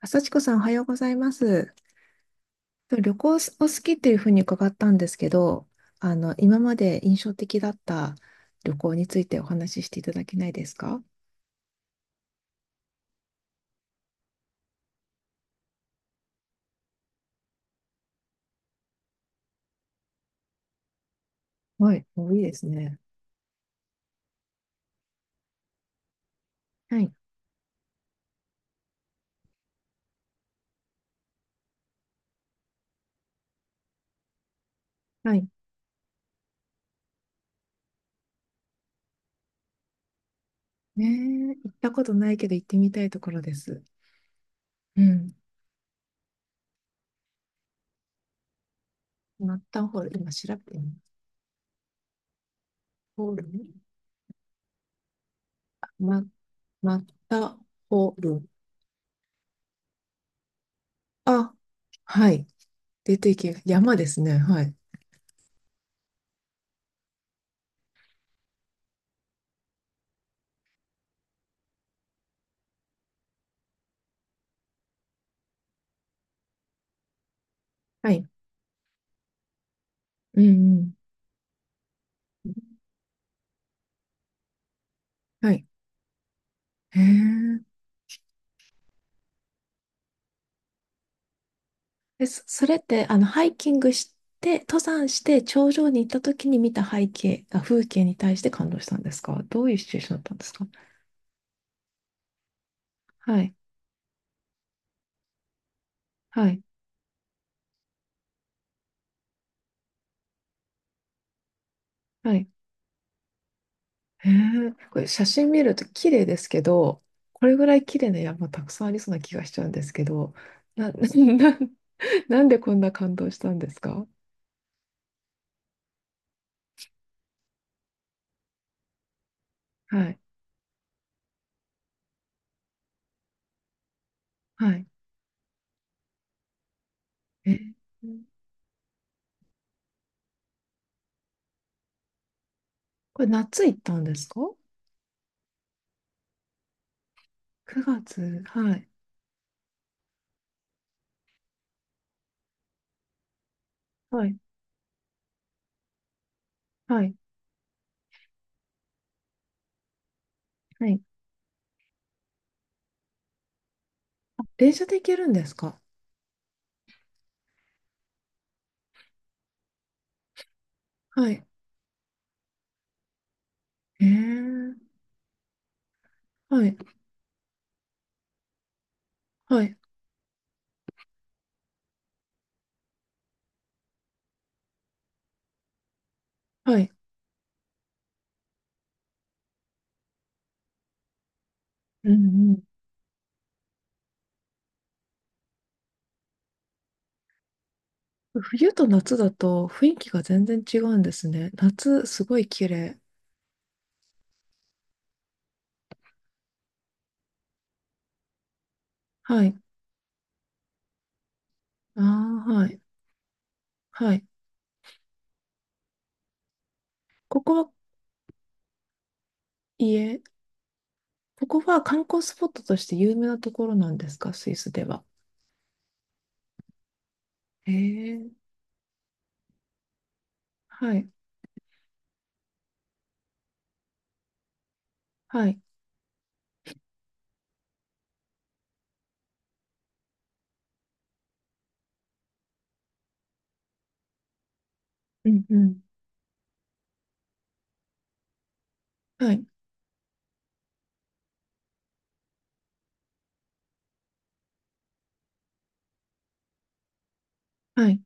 あさ子さん、おはようございます。旅行お好きっていうふうに伺ったんですけど、今まで印象的だった旅行についてお話ししていただけないですか？はい、もういいですね。はい、はい。ねえ、行ったことないけど行ってみたいところです。うん。マッターホルン、今調べてみます。ホルン。マ、マッターホルン。あ、はい。出ていけ、山ですね。はい。はい。うんうん。はい。へえ。でそれって、ハイキングして、登山して頂上に行った時に見た背景、あ、風景に対して感動したんですか？どういうシチュエーションだったんですか？はい、はい、はい。へえ、これ写真見ると綺麗ですけど、これぐらい綺麗な山たくさんありそうな気がしちゃうんですけど、な、な、なんでこんな感動したんですか？はい、はい。え、これ夏行ったんですか？ 9 月、はい、はい、はい、はい。電車で行けるんですか？はい。ええ、はい、はい、はい。うんうん。冬と夏だと雰囲気が全然違うんですね。夏、すごい綺麗。はい。ああ、はい。はい。ここは、家ここは観光スポットとして有名なところなんですか、スイスでは？へえ。はい。はい。うんうん。はい。はい。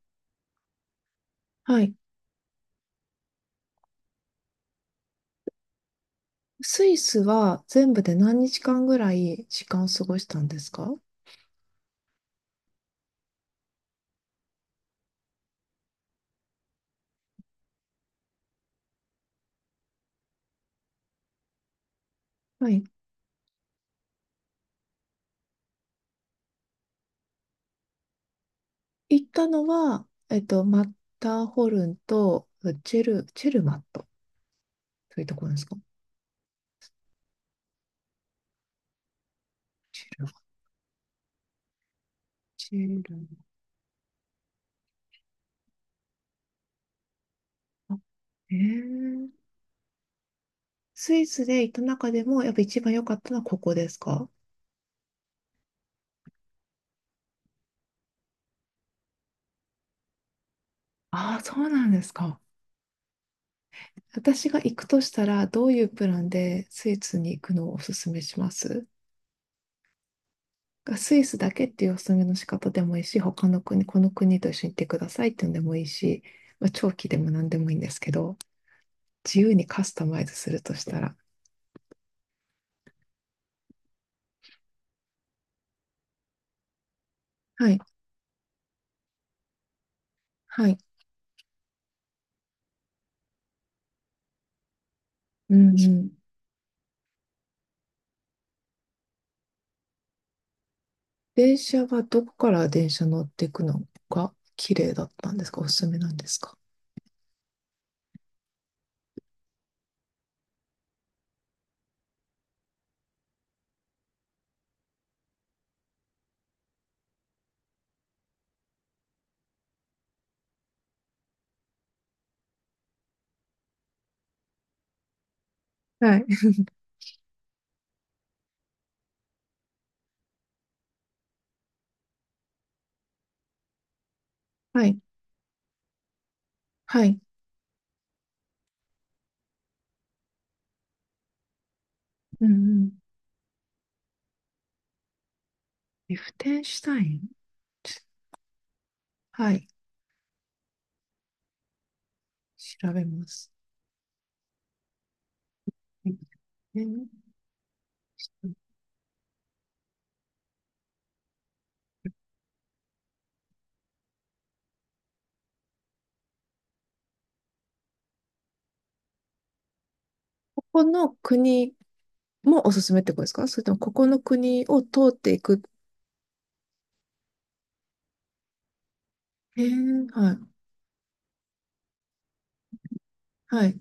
はい。スイスは全部で何日間ぐらい時間を過ごしたんですか？はい。行ったのは、マッターホルンとチェルマット、そういうところですか？シルバ、シルバ。えー、スイスで行った中でも、やっぱ一番良かったのはここですか？ああー、そうなんですか。私が行くとしたら、どういうプランでスイスに行くのをおすすめします？スイスだけっていうおすすめの仕方でもいいし、他の国、この国と一緒に行ってくださいっていうのでもいいし、まあ、長期でも何でもいいんですけど、自由にカスタマイズするとしたら。はい、はい。うんうん。電車はどこから電車乗っていくのが綺麗だったんですか？おすすめなんですか？はい。はい。はい。うんうん。リフテンシュタイン。はい。調べます。リフテン。ここの国もおすすめってことですか？それともここの国を通っていく。へえ、はい。はい。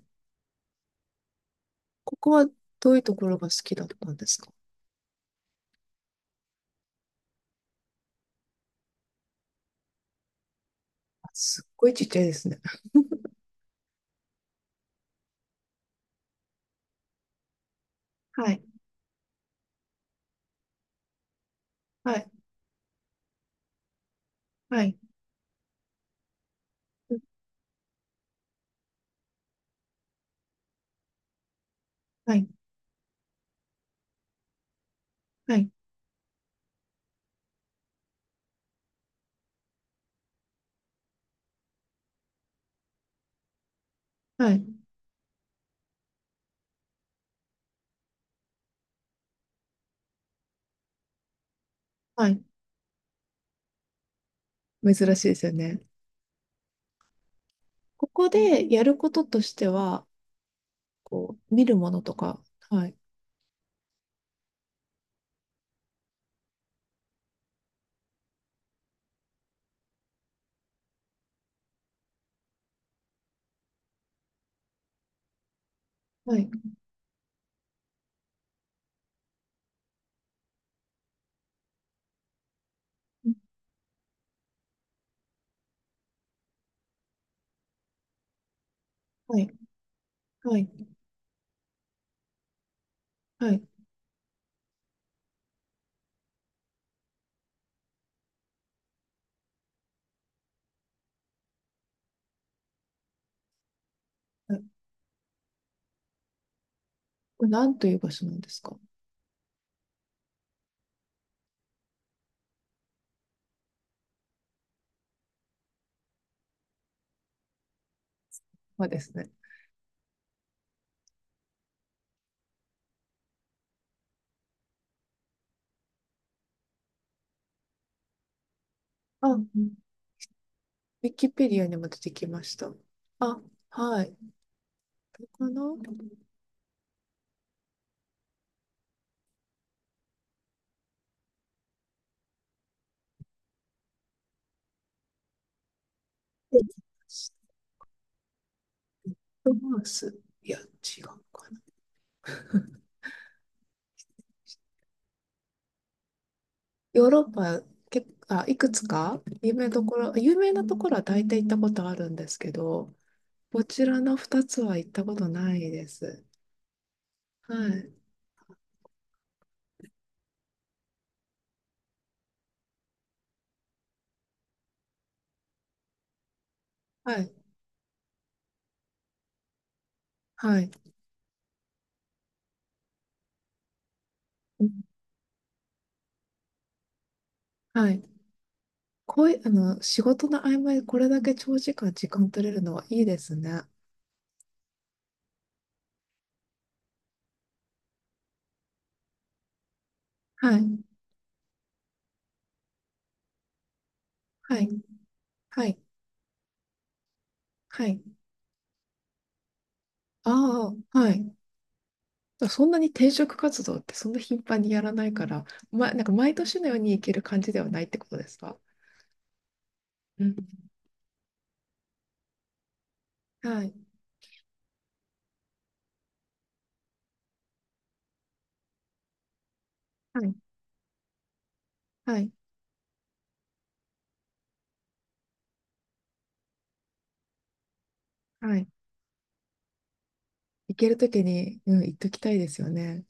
ここはどういうところが好きだったんですか？あ、すっごいちっちゃいですね。はい。はい。はい。はい。はい。はい。はい。珍しいですよね。ここでやることとしては、こう、見るものとか。はい。はい。はい。はい。はい。はい。これ何という場所なんですか？はですね。あ、ウィキペディアにも出てきました。あ、はい。これかな。できました。マウス。いや、違うかな。ヨーロッパ、いくつか有名どころ、有名なところは大体行ったことあるんですけど、こちらの2つは行ったことないです。はい。はい。はい。うん。はい。こういう、仕事の合間にこれだけ長時間時間取れるのはいいですね。はい。はい。はい。はい。ああ、はい。そんなに転職活動ってそんな頻繁にやらないから、ま、なんか毎年のように行ける感じではないってことですか？うん。はい、はい、はい、はい。行けるときに、うん、行っときたいですよね。